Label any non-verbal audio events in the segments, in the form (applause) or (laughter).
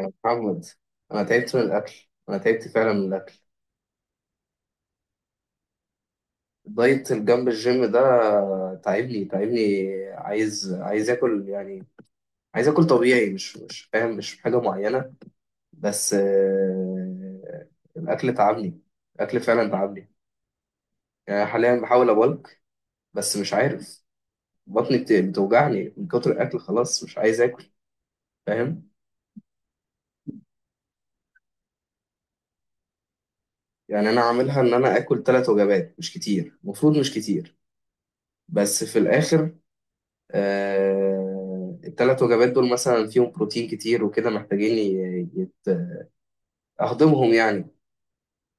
يا محمد، انا تعبت من الاكل، انا تعبت فعلا من الاكل. دايت الجنب الجيم ده تعبني تعبني، عايز عايز اكل يعني. عايز اكل طبيعي، مش فاهم، مش حاجه معينه، بس الاكل تعبني، الاكل فعلا تعبني. يعني حاليا بحاول ابلك بس مش عارف، بطني بتوجعني من كتر الاكل، خلاص مش عايز اكل. فاهم؟ يعني انا عاملها ان انا اكل 3 وجبات، مش كتير، المفروض مش كتير. بس في الاخر الـ3 وجبات دول مثلا فيهم بروتين كتير وكده، محتاجين أهضمهم يعني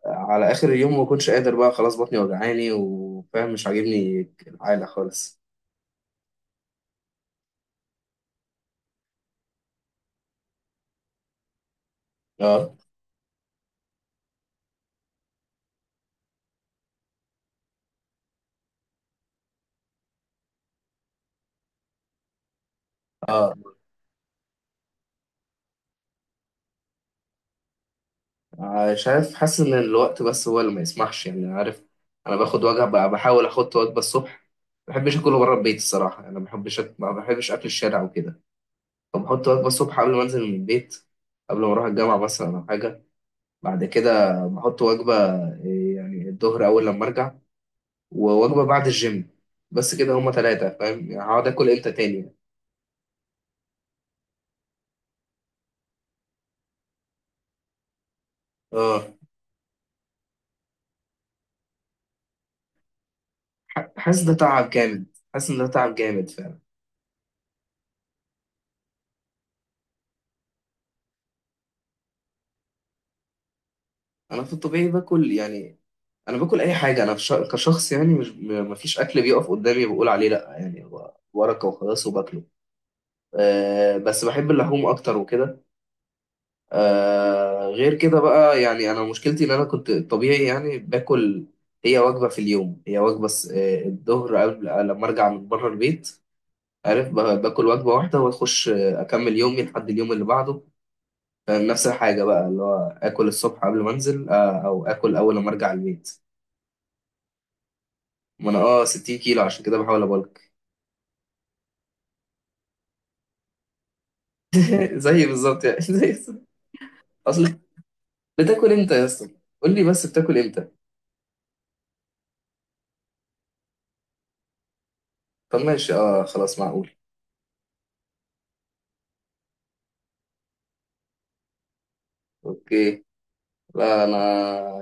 على آخر اليوم. ما كنتش قادر بقى خلاص، بطني وجعاني، وفاهم مش عاجبني العالة خالص. اه. اه. شايف، حاسس إن الوقت بس هو اللي ما يسمحش، يعني عارف. أنا باخد وجبة بقى، بحاول أحط وجبة الصبح، ما بحبش أكله بره البيت الصراحة يعني. أنا ما بحبش أكل الشارع وكده. فبحط وجبة الصبح قبل ما أنزل من البيت، قبل ما أروح الجامعة مثلا أو حاجة. بعد كده بحط وجبة، إيه، يعني الظهر أول لما أرجع، ووجبة بعد الجيم. بس كده هما تلاتة. فاهم يعني؟ هقعد آكل إمتى تاني يعني. اه. حاسس ده تعب جامد. حاسس إن ده تعب جامد فعلا. أنا في الطبيعي باكل يعني، أنا باكل أي حاجة. أنا كشخص يعني، مش م- مفيش أكل بيقف قدامي بقول عليه لأ، يعني هو ورقة وخلاص وباكله. أه بس بحب اللحوم أكتر وكده. آه غير كده بقى، يعني انا مشكلتي ان انا كنت طبيعي يعني باكل هي وجبه في اليوم، هي وجبه س- آه، الظهر قبل لما ارجع من بره البيت، عارف، باكل وجبه واحده واخش، اكمل يومي لحد اليوم اللي بعده. فاهم؟ نفس الحاجه بقى اللي هو اكل الصبح قبل ما انزل، او اكل اول لما ارجع البيت. ما انا اه 60 كيلو عشان كده بحاول ابلك. (laughs) زي بالظبط يعني. (laughs) زي. اصل، بتاكل امتى يا اسطى؟ قول لي بس بتاكل امتى. طب ماشي، اه خلاص، معقول. اوكي. لا انا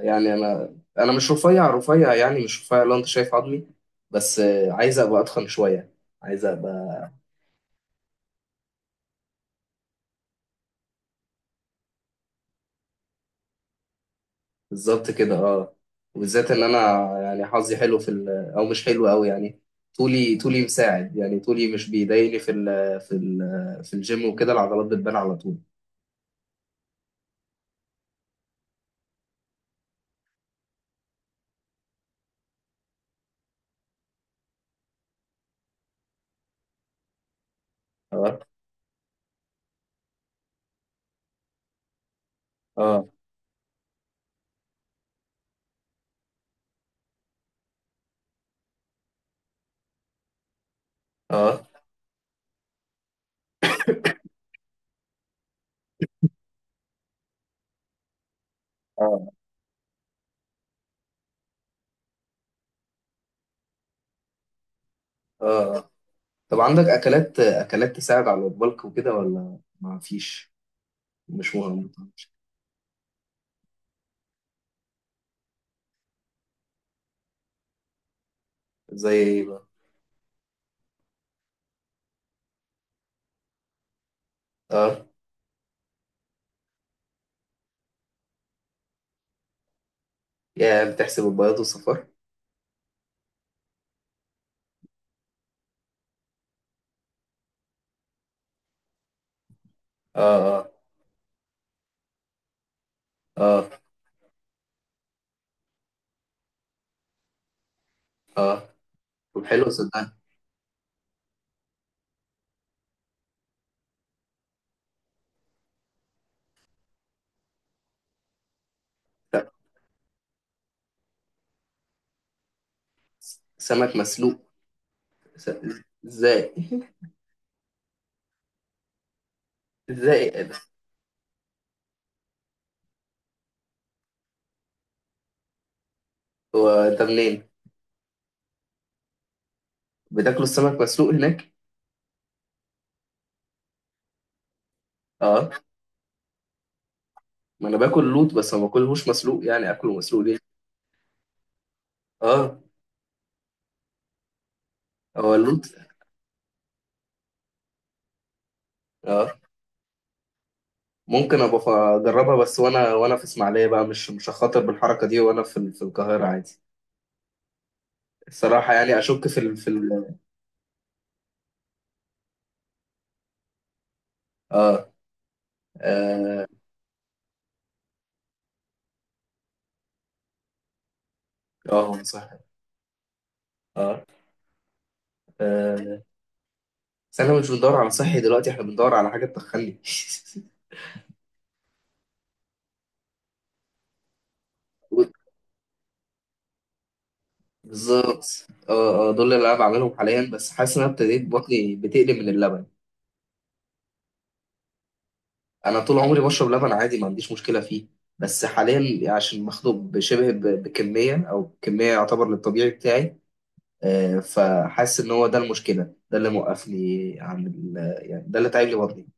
يعني، انا مش رفيع رفيع يعني، مش رفيع لو انت شايف عظمي، بس عايز ابقى اتخن شويه، عايز ابقى. بالظبط كده اه. وبالذات ان انا يعني حظي حلو في ال... او مش حلو قوي يعني. طولي، طولي مساعد يعني، طولي مش بيضايقني في ال... في ال... في الجيم وكده. العضلات بتبان على طول. اه. اه. اه. اه. اه. طب عندك اكلات اكلات تساعد على البلك وكده ولا ما فيش؟ مش مهم. زي ايه بقى؟ آه. يا بتحسب البياض والصفار؟ اه. اه. اه. اه. طب حلو صدقني. لا، سمك مسلوق؟ س- ازاي؟ (laughs) ازاي؟ إيه ده؟ هو انت منين؟ بتاكلوا السمك مسلوق هناك؟ اه. ما انا باكل لوط، بس ما باكلهوش مسلوق. يعني اكله مسلوق ليه؟ اه. هو اللوط؟ اه. ممكن ابقى اجربها، بس وانا في اسماعيليه بقى. مش هخاطر بالحركه دي وانا في في القاهره عادي. الصراحه يعني اشك في ال اه. اه. اه هو صح. اه. آه، بس احنا مش بندور على صحي دلوقتي، احنا بندور على حاجة تدخلني. (laughs) و- بالظبط اه. اه، دول اللي انا بعملهم حاليا، بس حاسس ان انا ابتديت بطني بتقلب من اللبن. انا طول عمري بشرب لبن عادي، ما عنديش مشكله فيه. بس حاليا عشان مخنوق بشبه بكميه او كميه يعتبر للطبيعي بتاعي. فحاسس ان هو ده المشكله، ده اللي موقفني عن ال-، يعني ده اللي تعب لي بطني.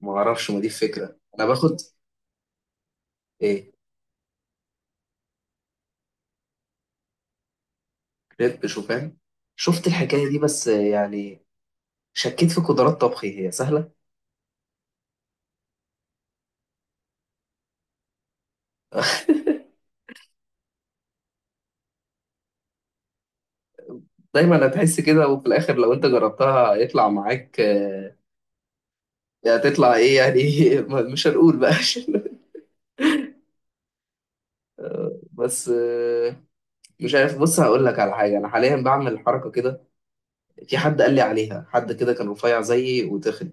ما اعرفش، ما دي الفكره، انا باخد. ايه، كريب شوفان؟ شفت الحكايه دي، بس يعني شكيت في قدرات طبخي. هي سهلة. (laughs) دايما هتحس كده، وفي الآخر لو أنت جربتها هيطلع معاك. يعني هتطلع إيه يعني؟ (laughs) مش هنقول بقى (laughs) عشان-. بس مش عارف، بص هقول لك على حاجة أنا حاليا بعمل حركة كده. في حد قال لي عليها، حد كده كان رفيع زيي وتخن.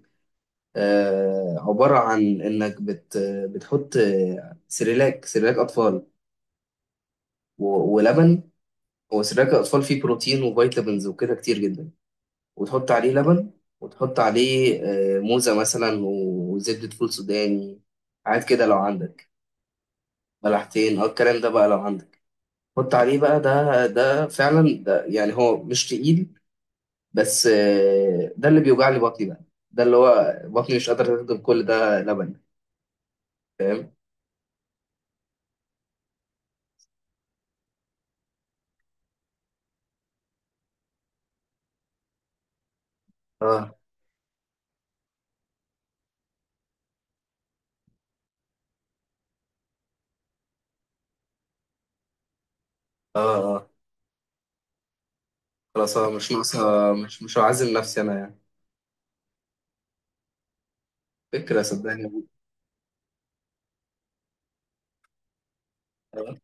عبارة عن إنك بت، بتحط سيريلاك سيريلاك أطفال ولبن. هو سيريلاك الأطفال فيه بروتين وفيتامينز وكده كتير جدا. وتحط عليه لبن، وتحط عليه موزة مثلا وزبدة فول سوداني، حاجات كده لو عندك، بلحتين أو الكلام ده بقى لو عندك. حط عليه بقى، ده فعلا ده يعني هو مش تقيل، بس ده اللي بيوجع لي بطني بقى، ده اللي هو بطني مش قادرة تهضم كل ده لبن. فاهم؟ اه. اه. اه خلاص، اه مش ناقصة. مش هعزم نفسي أنا يعني. فكرة صدقني. آه.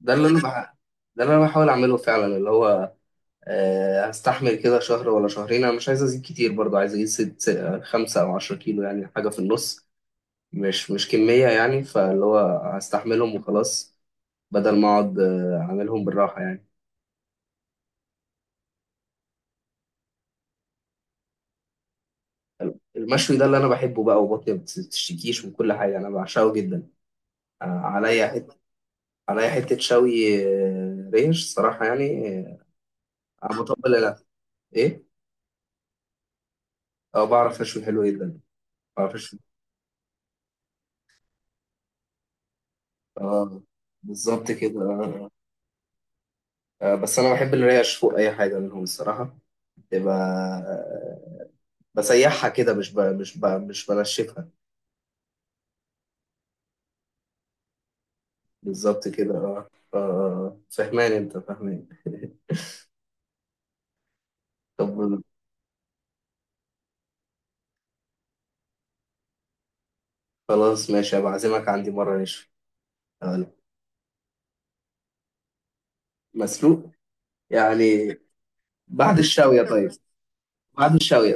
ده اللي أنا بح...، ده اللي أنا بحاول أعمله فعلا اللي هو هستحمل كده شهر ولا شهرين. انا مش عايز ازيد كتير برضو، عايز اجيب 5 أو 10 كيلو، يعني حاجة في النص. مش كمية يعني، فاللي هو هستحملهم وخلاص، بدل ما اقعد اعملهم بالراحة يعني. المشوي ده اللي انا بحبه بقى، وبطني ما بتشتكيش، وكل حاجة انا بعشقه جدا. عليا حتة، عليا حتة شوي ريش الصراحة يعني، انا بطبل الاكل. ايه؟ اه بعرف اشوي، حلو جدا. بعرف اشوي. اه بالظبط كده بس انا بحب الريش فوق اي حاجة منهم الصراحة. تبقى بسيحها كده، مش بنشفها. بالظبط كده اه. اه فهمان انت، فهمان. طب خلاص ماشي، هبقى اعزمك عندي مرة نشوي. هقول لك. مسلوق يعني؟ بعد الشاوية طيب، بعد الشاوية.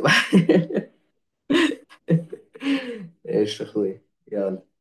(laughs) ايش يا اخوي. يلا.